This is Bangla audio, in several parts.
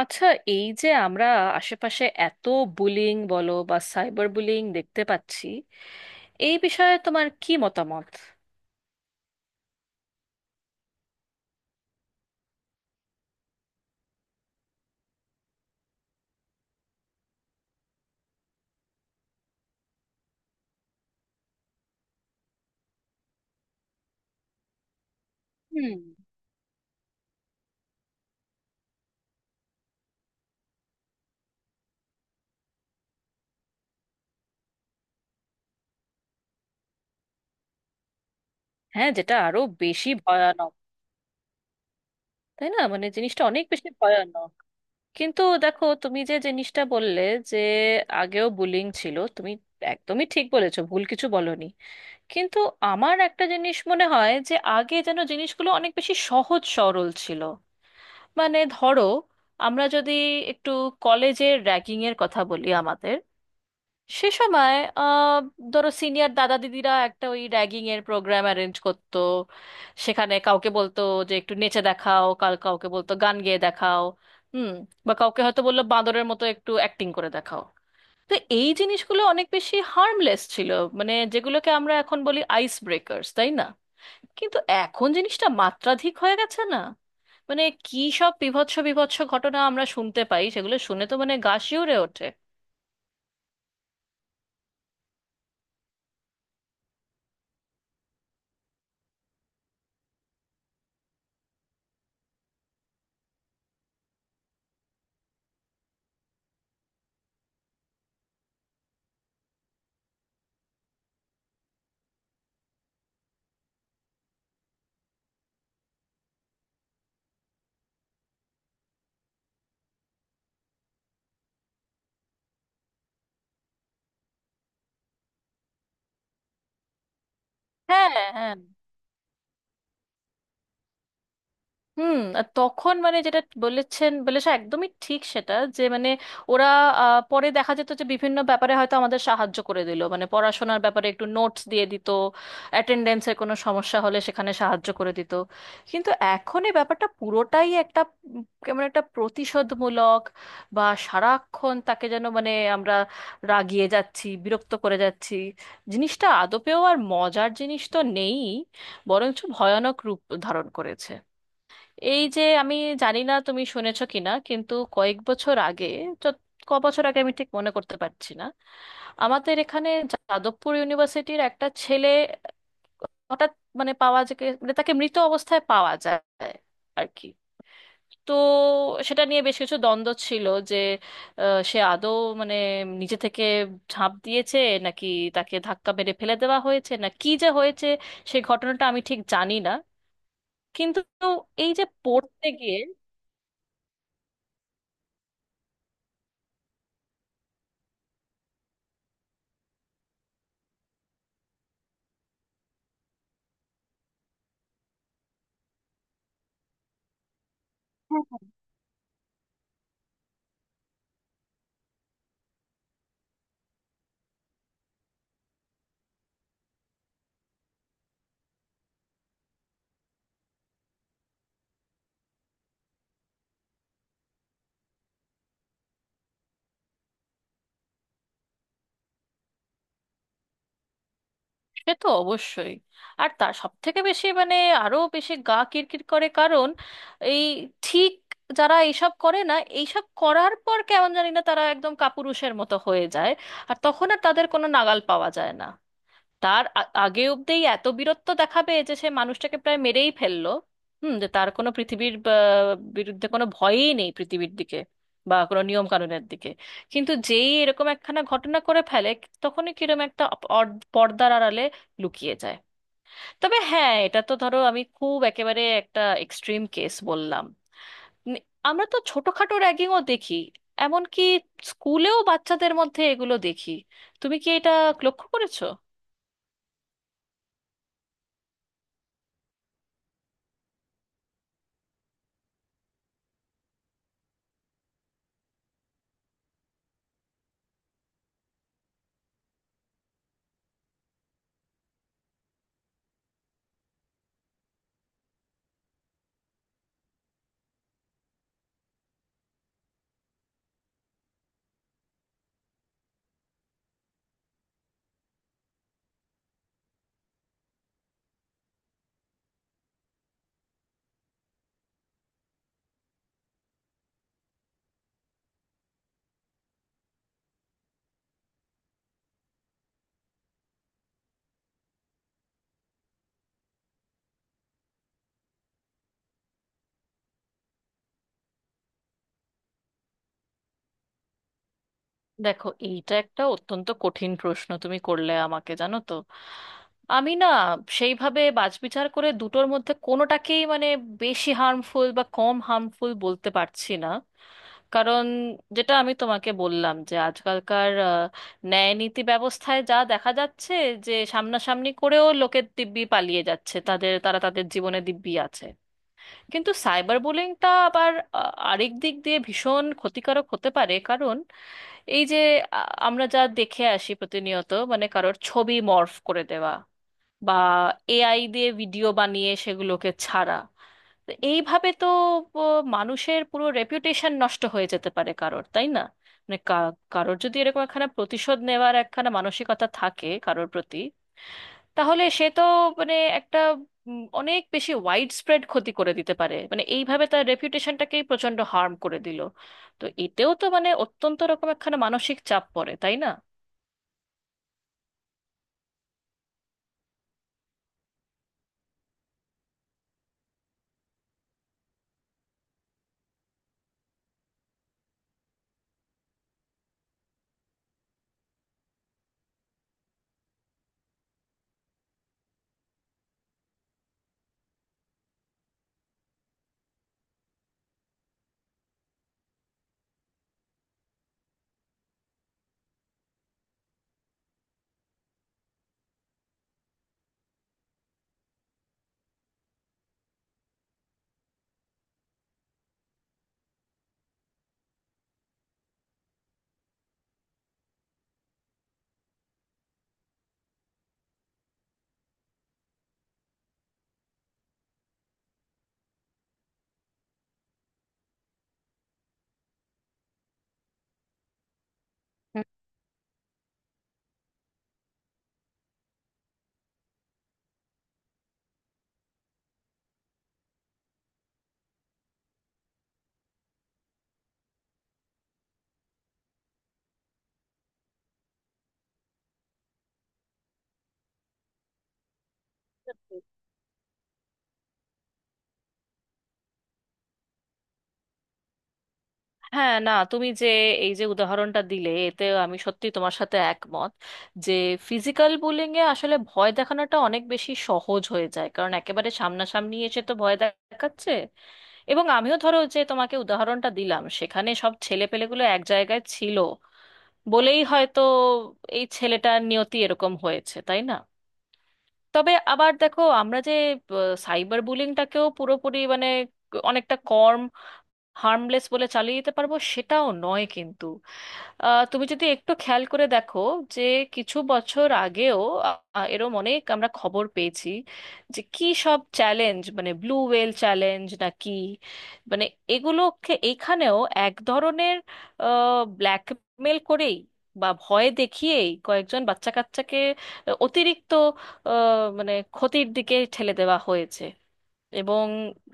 আচ্ছা, এই যে আমরা আশেপাশে এত বুলিং বলো বা সাইবার বুলিং দেখতে পাচ্ছি, এই বিষয়ে তোমার কি মতামত? হুম। হ্যাঁ, যেটা আরো বেশি ভয়ানক। তাই না? মানে জিনিসটা অনেক বেশি ভয়ানক। কিন্তু দেখো, তুমি যে জিনিসটা বললে যে আগেও বুলিং ছিল, তুমি একদমই ঠিক বলেছো, ভুল কিছু বলনি। কিন্তু আমার একটা জিনিস মনে হয় যে আগে যেন জিনিসগুলো অনেক বেশি সহজ সরল ছিল। মানে ধরো, আমরা যদি একটু কলেজের র্যাগিং এর কথা বলি, আমাদের সে সময় ধরো সিনিয়র দাদা দিদিরা একটা ওই র্যাগিং এর প্রোগ্রাম অ্যারেঞ্জ করতো। সেখানে কাউকে বলতো যে একটু নেচে দেখাও, কাল কাউকে বলতো গান গেয়ে দেখাও। হুম। বা কাউকে হয়তো বললো বাঁদরের মতো একটু অ্যাক্টিং করে দেখাও। তো এই জিনিসগুলো অনেক বেশি হার্মলেস ছিল, মানে যেগুলোকে আমরা এখন বলি আইস ব্রেকার্স, তাই না? কিন্তু এখন জিনিসটা মাত্রাধিক হয়ে গেছে না? মানে কি সব বীভৎস বীভৎস ঘটনা আমরা শুনতে পাই, সেগুলো শুনে তো মানে গা শিউরে ওঠে। হ্যাঁ, হ্যাঁ। হুম, আর তখন মানে যেটা বলেছেন বলেছে একদমই ঠিক, সেটা যে মানে ওরা পরে দেখা যেত যে বিভিন্ন ব্যাপারে হয়তো আমাদের সাহায্য করে দিল, মানে পড়াশোনার ব্যাপারে একটু নোটস দিয়ে দিত, অ্যাটেন্ডেন্সের কোনো সমস্যা হলে সেখানে সাহায্য করে দিত। কিন্তু এখন এই ব্যাপারটা পুরোটাই একটা কেমন একটা প্রতিশোধমূলক, বা সারাক্ষণ তাকে যেন মানে আমরা রাগিয়ে যাচ্ছি, বিরক্ত করে যাচ্ছি। জিনিসটা আদপেও আর মজার জিনিস তো নেই, বরঞ্চ ভয়ানক রূপ ধারণ করেছে। এই যে আমি জানি না তুমি শুনেছো কিনা, কিন্তু কয়েক বছর আগে, যত- ক বছর আগে আমি ঠিক মনে করতে পারছি না, আমাদের এখানে যাদবপুর ইউনিভার্সিটির একটা ছেলে হঠাৎ মানে পাওয়া যায়, মানে তাকে মৃত অবস্থায় পাওয়া যায় আর কি। তো সেটা নিয়ে বেশ কিছু দ্বন্দ্ব ছিল যে সে আদৌ মানে নিজে থেকে ঝাঁপ দিয়েছে, নাকি তাকে ধাক্কা মেরে ফেলে দেওয়া হয়েছে, না কি যে হয়েছে সেই ঘটনাটা আমি ঠিক জানি না। কিন্তু এই যে পড়তে গিয়ে, সে তো অবশ্যই। আর তার সব থেকে বেশি মানে আরো বেশি গা কিরকির করে, কারণ এই ঠিক যারা এইসব করে না, এইসব করার পর কেমন জানি না তারা একদম কাপুরুষের মতো হয়ে যায়। আর তখন আর তাদের কোনো নাগাল পাওয়া যায় না। তার আগে অব্দি এত বীরত্ব দেখাবে যে সে মানুষটাকে প্রায় মেরেই ফেললো। হুম। যে তার কোনো পৃথিবীর বিরুদ্ধে কোনো ভয়ই নেই, পৃথিবীর দিকে বা কোনো নিয়ম কানুনের দিকে। কিন্তু যেই এরকম একখানা ঘটনা করে ফেলে, তখনই কিরকম একটা পর্দার আড়ালে লুকিয়ে যায়। তবে হ্যাঁ, এটা তো ধরো আমি খুব একেবারে একটা এক্সট্রিম কেস বললাম। নি- আমরা তো ছোটখাটো র্যাগিংও দেখি, এমনকি স্কুলেও বাচ্চাদের মধ্যে এগুলো দেখি। তুমি কি এটা লক্ষ্য করেছো? দেখো, এইটা একটা অত্যন্ত কঠিন প্রশ্ন তুমি করলে আমাকে, জানো তো। আমি না সেইভাবে বাছবিচার করে দুটোর মধ্যে কোনোটাকেই মানে বেশি হার্মফুল বা কম হার্মফুল বলতে পারছি না। কারণ যেটা আমি তোমাকে বললাম যে আজকালকার ন্যায় নীতি ব্যবস্থায় যা দেখা যাচ্ছে যে সামনাসামনি করেও লোকের দিব্যি পালিয়ে যাচ্ছে, তাদের তারা তাদের জীবনে দিব্যি আছে। কিন্তু সাইবার বুলিংটা আবার আরেক দিক দিয়ে ভীষণ ক্ষতিকারক হতে পারে, কারণ এই যে আ- আমরা যা দেখে আসি প্রতিনিয়ত, মানে কারোর ছবি মর্ফ করে দেওয়া বা এআই দিয়ে ভিডিও বানিয়ে সেগুলোকে ছাড়া। তো এইভাবে তো ও, মানুষের পুরো রেপুটেশন নষ্ট হয়ে যেতে পারে কারোর, তাই না? মানে কারোর যদি এরকম একখানা প্রতিশোধ নেওয়ার একখানা মানসিকতা থাকে কারোর প্রতি, তাহলে সে তো মানে একটা অনেক বেশি ওয়াইড স্প্রেড ক্ষতি করে দিতে পারে, মানে এইভাবে তার রেপিউটেশনটাকেই প্রচন্ড হার্ম করে দিল। তো এতেও তো মানে অত্যন্ত রকম একখানা মানসিক চাপ পড়ে, তাই না? হুম, হুম। হ্যাঁ, না তুমি যে এই যে উদাহরণটা দিলে, এতে আমি সত্যি তোমার সাথে একমত, যে ফিজিক্যাল বুলিং এ আসলে ভয় দেখানোটা অনেক বেশি সহজ হয়ে যায়, কারণ একেবারে সামনাসামনি এসে তো ভয় দেখাচ্ছে। এবং আমিও ধরো যে তোমাকে উদাহরণটা দিলাম, সেখানে সব ছেলেপেলেগুলো এক জায়গায় ছিল বলেই হয়তো এই ছেলেটার নিয়তি এরকম হয়েছে, তাই না? তবে আবার দেখো, আমরা যে সাইবার বুলিংটাকেও পুরোপুরি মানে অনেকটা কম হার্মলেস বলে চালিয়ে দিতে পারবো সেটাও নয় কিন্তু। তুমি যদি একটু খেয়াল করে দেখো যে কিছু বছর আগেও এরম অনেক আমরা খবর পেয়েছি যে কি সব চ্যালেঞ্জ, মানে ব্লু হোয়েল চ্যালেঞ্জ না কি, মানে এগুলোকে, এখানেও এক ধরনের ব্ল্যাকমেল করেই বা ভয় দেখিয়েই কয়েকজন বাচ্চা কাচ্চাকে অতিরিক্ত আহ, মানে ক্ষতির দিকে ঠেলে দেওয়া হয়েছে। এবং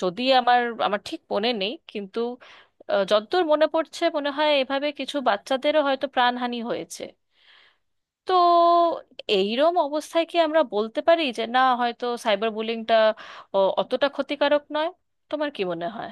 যদি আমার আমার ঠিক মনে নেই কিন্তু যতদূর মনে পড়ছে মনে হয় এভাবে কিছু বাচ্চাদেরও হয়তো প্রাণহানি হয়েছে। তো এইরম অবস্থায় কি আমরা বলতে পারি যে না, হয়তো সাইবার বুলিংটা অতটা ক্ষতিকারক নয়? তোমার কি মনে হয়?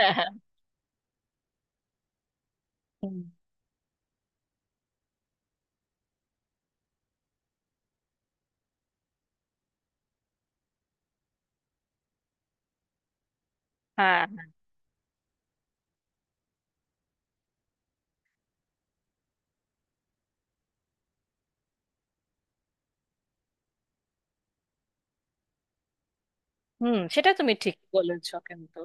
হ্যাঁ, হ্যাঁ। হুম, হ্যাঁ, হ্যাঁ। হুম, সেটা তুমি ঠিক বলেছো কিন্তু